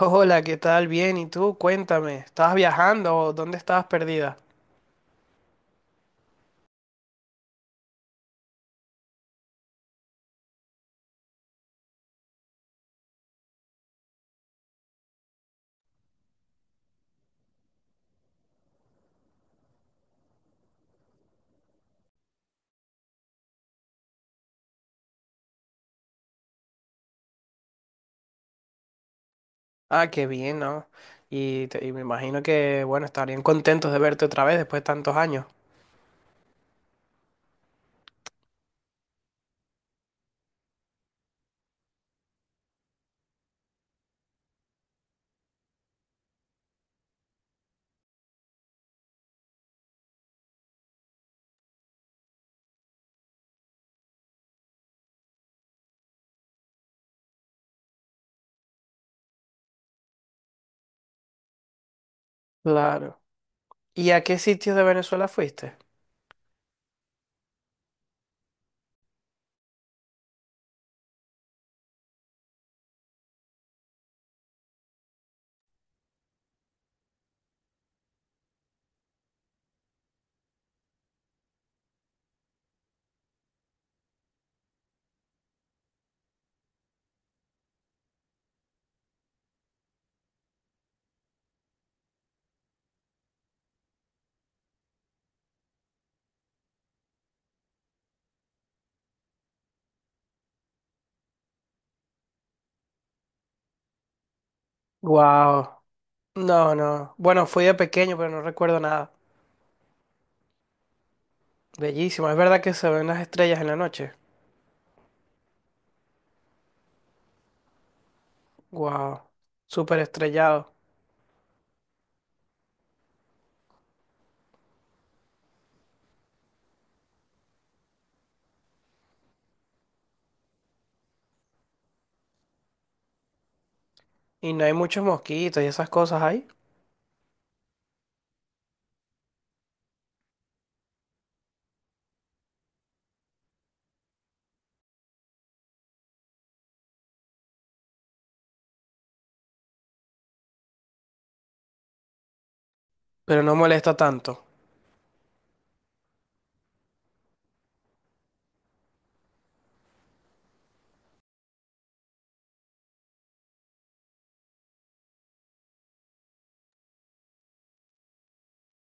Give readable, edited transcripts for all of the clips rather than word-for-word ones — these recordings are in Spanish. Hola, ¿qué tal? Bien, ¿y tú? Cuéntame, ¿estabas viajando o dónde estabas perdida? Ah, qué bien, ¿no? Y me imagino que, bueno, estarían contentos de verte otra vez después de tantos años. Claro. ¿Y a qué sitios de Venezuela fuiste? Wow. No, no. Bueno, fui de pequeño, pero no recuerdo nada. Bellísimo. Es verdad que se ven las estrellas en la noche. Wow. Súper estrellado. Y no hay muchos mosquitos y esas cosas ahí, pero no molesta tanto.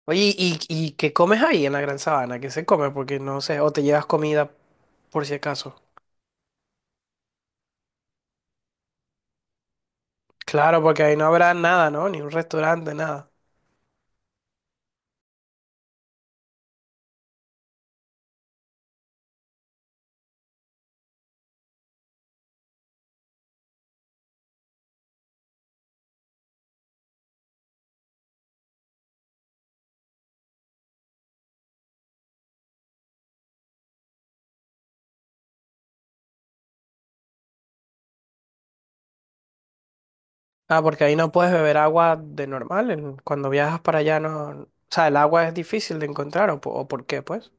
Oye, ¿y qué comes ahí en la Gran Sabana? ¿Qué se come? Porque no sé, o te llevas comida por si acaso. Claro, porque ahí no habrá nada, ¿no? Ni un restaurante, nada. Ah, porque ahí no puedes beber agua de normal. Cuando viajas para allá no. O sea, el agua es difícil de encontrar, ¿o por qué, pues?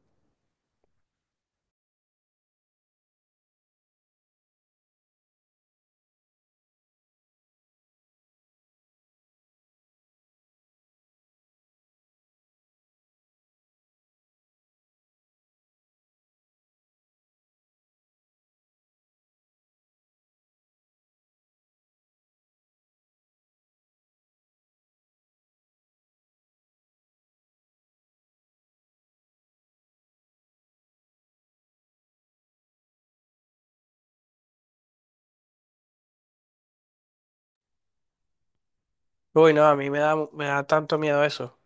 Uy, no, a mí me da tanto miedo eso.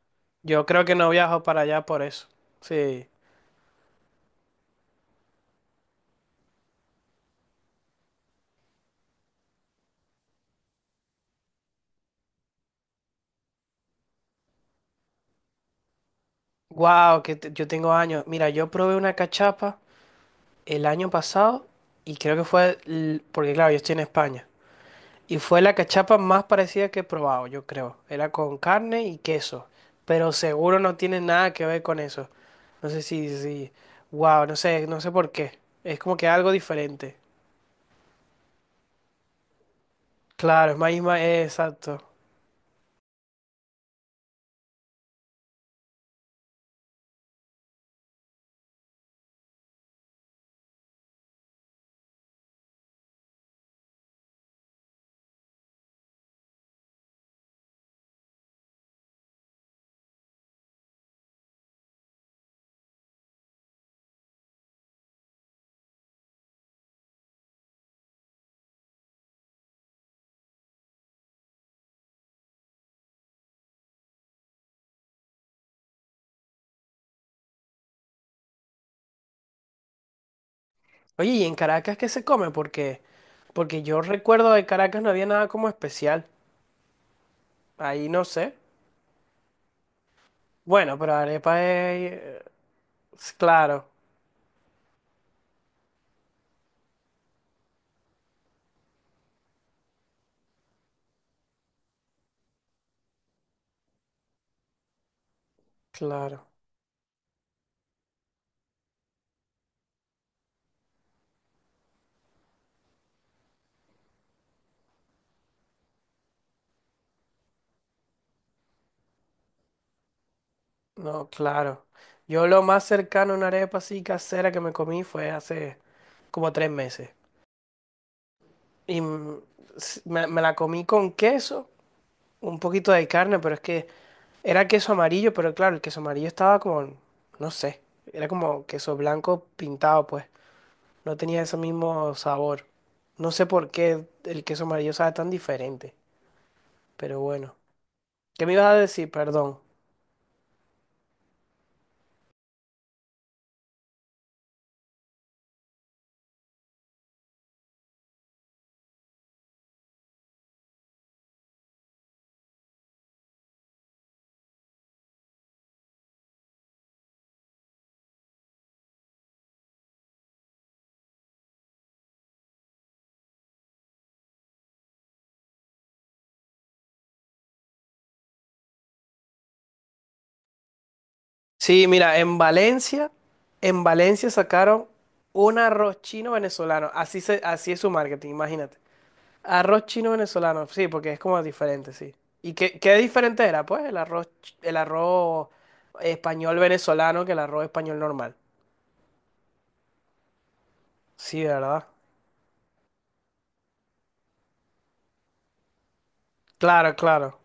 Yo creo que no viajo para allá por eso. Sí. Wow, yo tengo años. Mira, yo probé una cachapa el año pasado y creo que fue... Porque claro, yo estoy en España. Y fue la cachapa más parecida que he probado, yo creo. Era con carne y queso, pero seguro no tiene nada que ver con eso. No sé si, si, wow, no sé por qué. Es como que algo diferente. Claro, es maíz, exacto. Oye, ¿y en Caracas qué se come? Porque yo recuerdo de Caracas no había nada como especial. Ahí no sé. Bueno, pero arepa es, claro, claro. No, claro. Yo lo más cercano a una arepa así casera que me comí fue hace como tres meses. Y me la comí con queso, un poquito de carne, pero es que era queso amarillo, pero claro, el queso amarillo estaba como, no sé, era como queso blanco pintado, pues. No tenía ese mismo sabor. No sé por qué el queso amarillo sabe tan diferente, pero bueno. ¿Qué me ibas a decir? Perdón. Sí, mira, en Valencia sacaron un arroz chino venezolano. Así es su marketing, imagínate. Arroz chino venezolano, sí, porque es como diferente, sí. ¿Qué diferente era? Pues el arroz, el arroz español venezolano que el arroz español normal. Sí, ¿verdad? Claro, claro.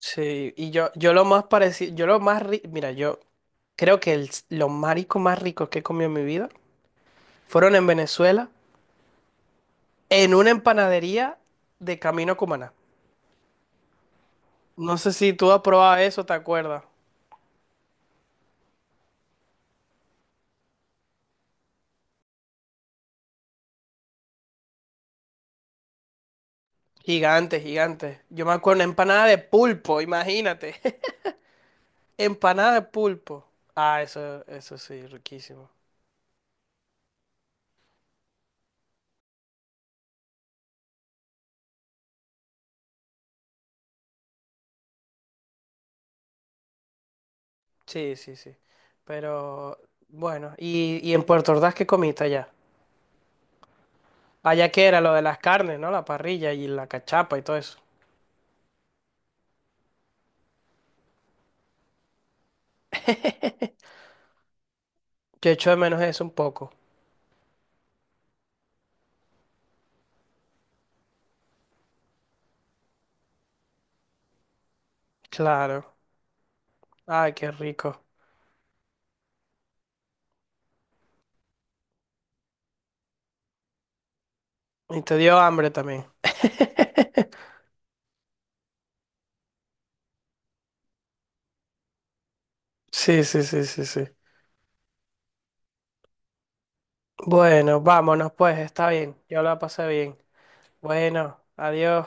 Sí, yo lo más rico, mira, yo creo que los mariscos más ricos que he comido en mi vida fueron en Venezuela, en una empanadería de Camino a Cumaná. No sé si tú has probado eso, ¿te acuerdas? Gigante, gigante. Yo me acuerdo, empanada de pulpo, imagínate. Empanada de pulpo. Ah, eso sí, riquísimo. Sí, sí, sí. Pero, bueno, ¿y en Puerto Ordaz qué comiste allá? Allá que era lo de las carnes, ¿no? La parrilla y la cachapa y todo eso. Yo echo de menos eso un poco. Claro. Ay, qué rico. Y te dio hambre también. Sí, sí, sí, sí, sí. Bueno, vámonos pues, está bien. Yo la pasé bien. Bueno, adiós.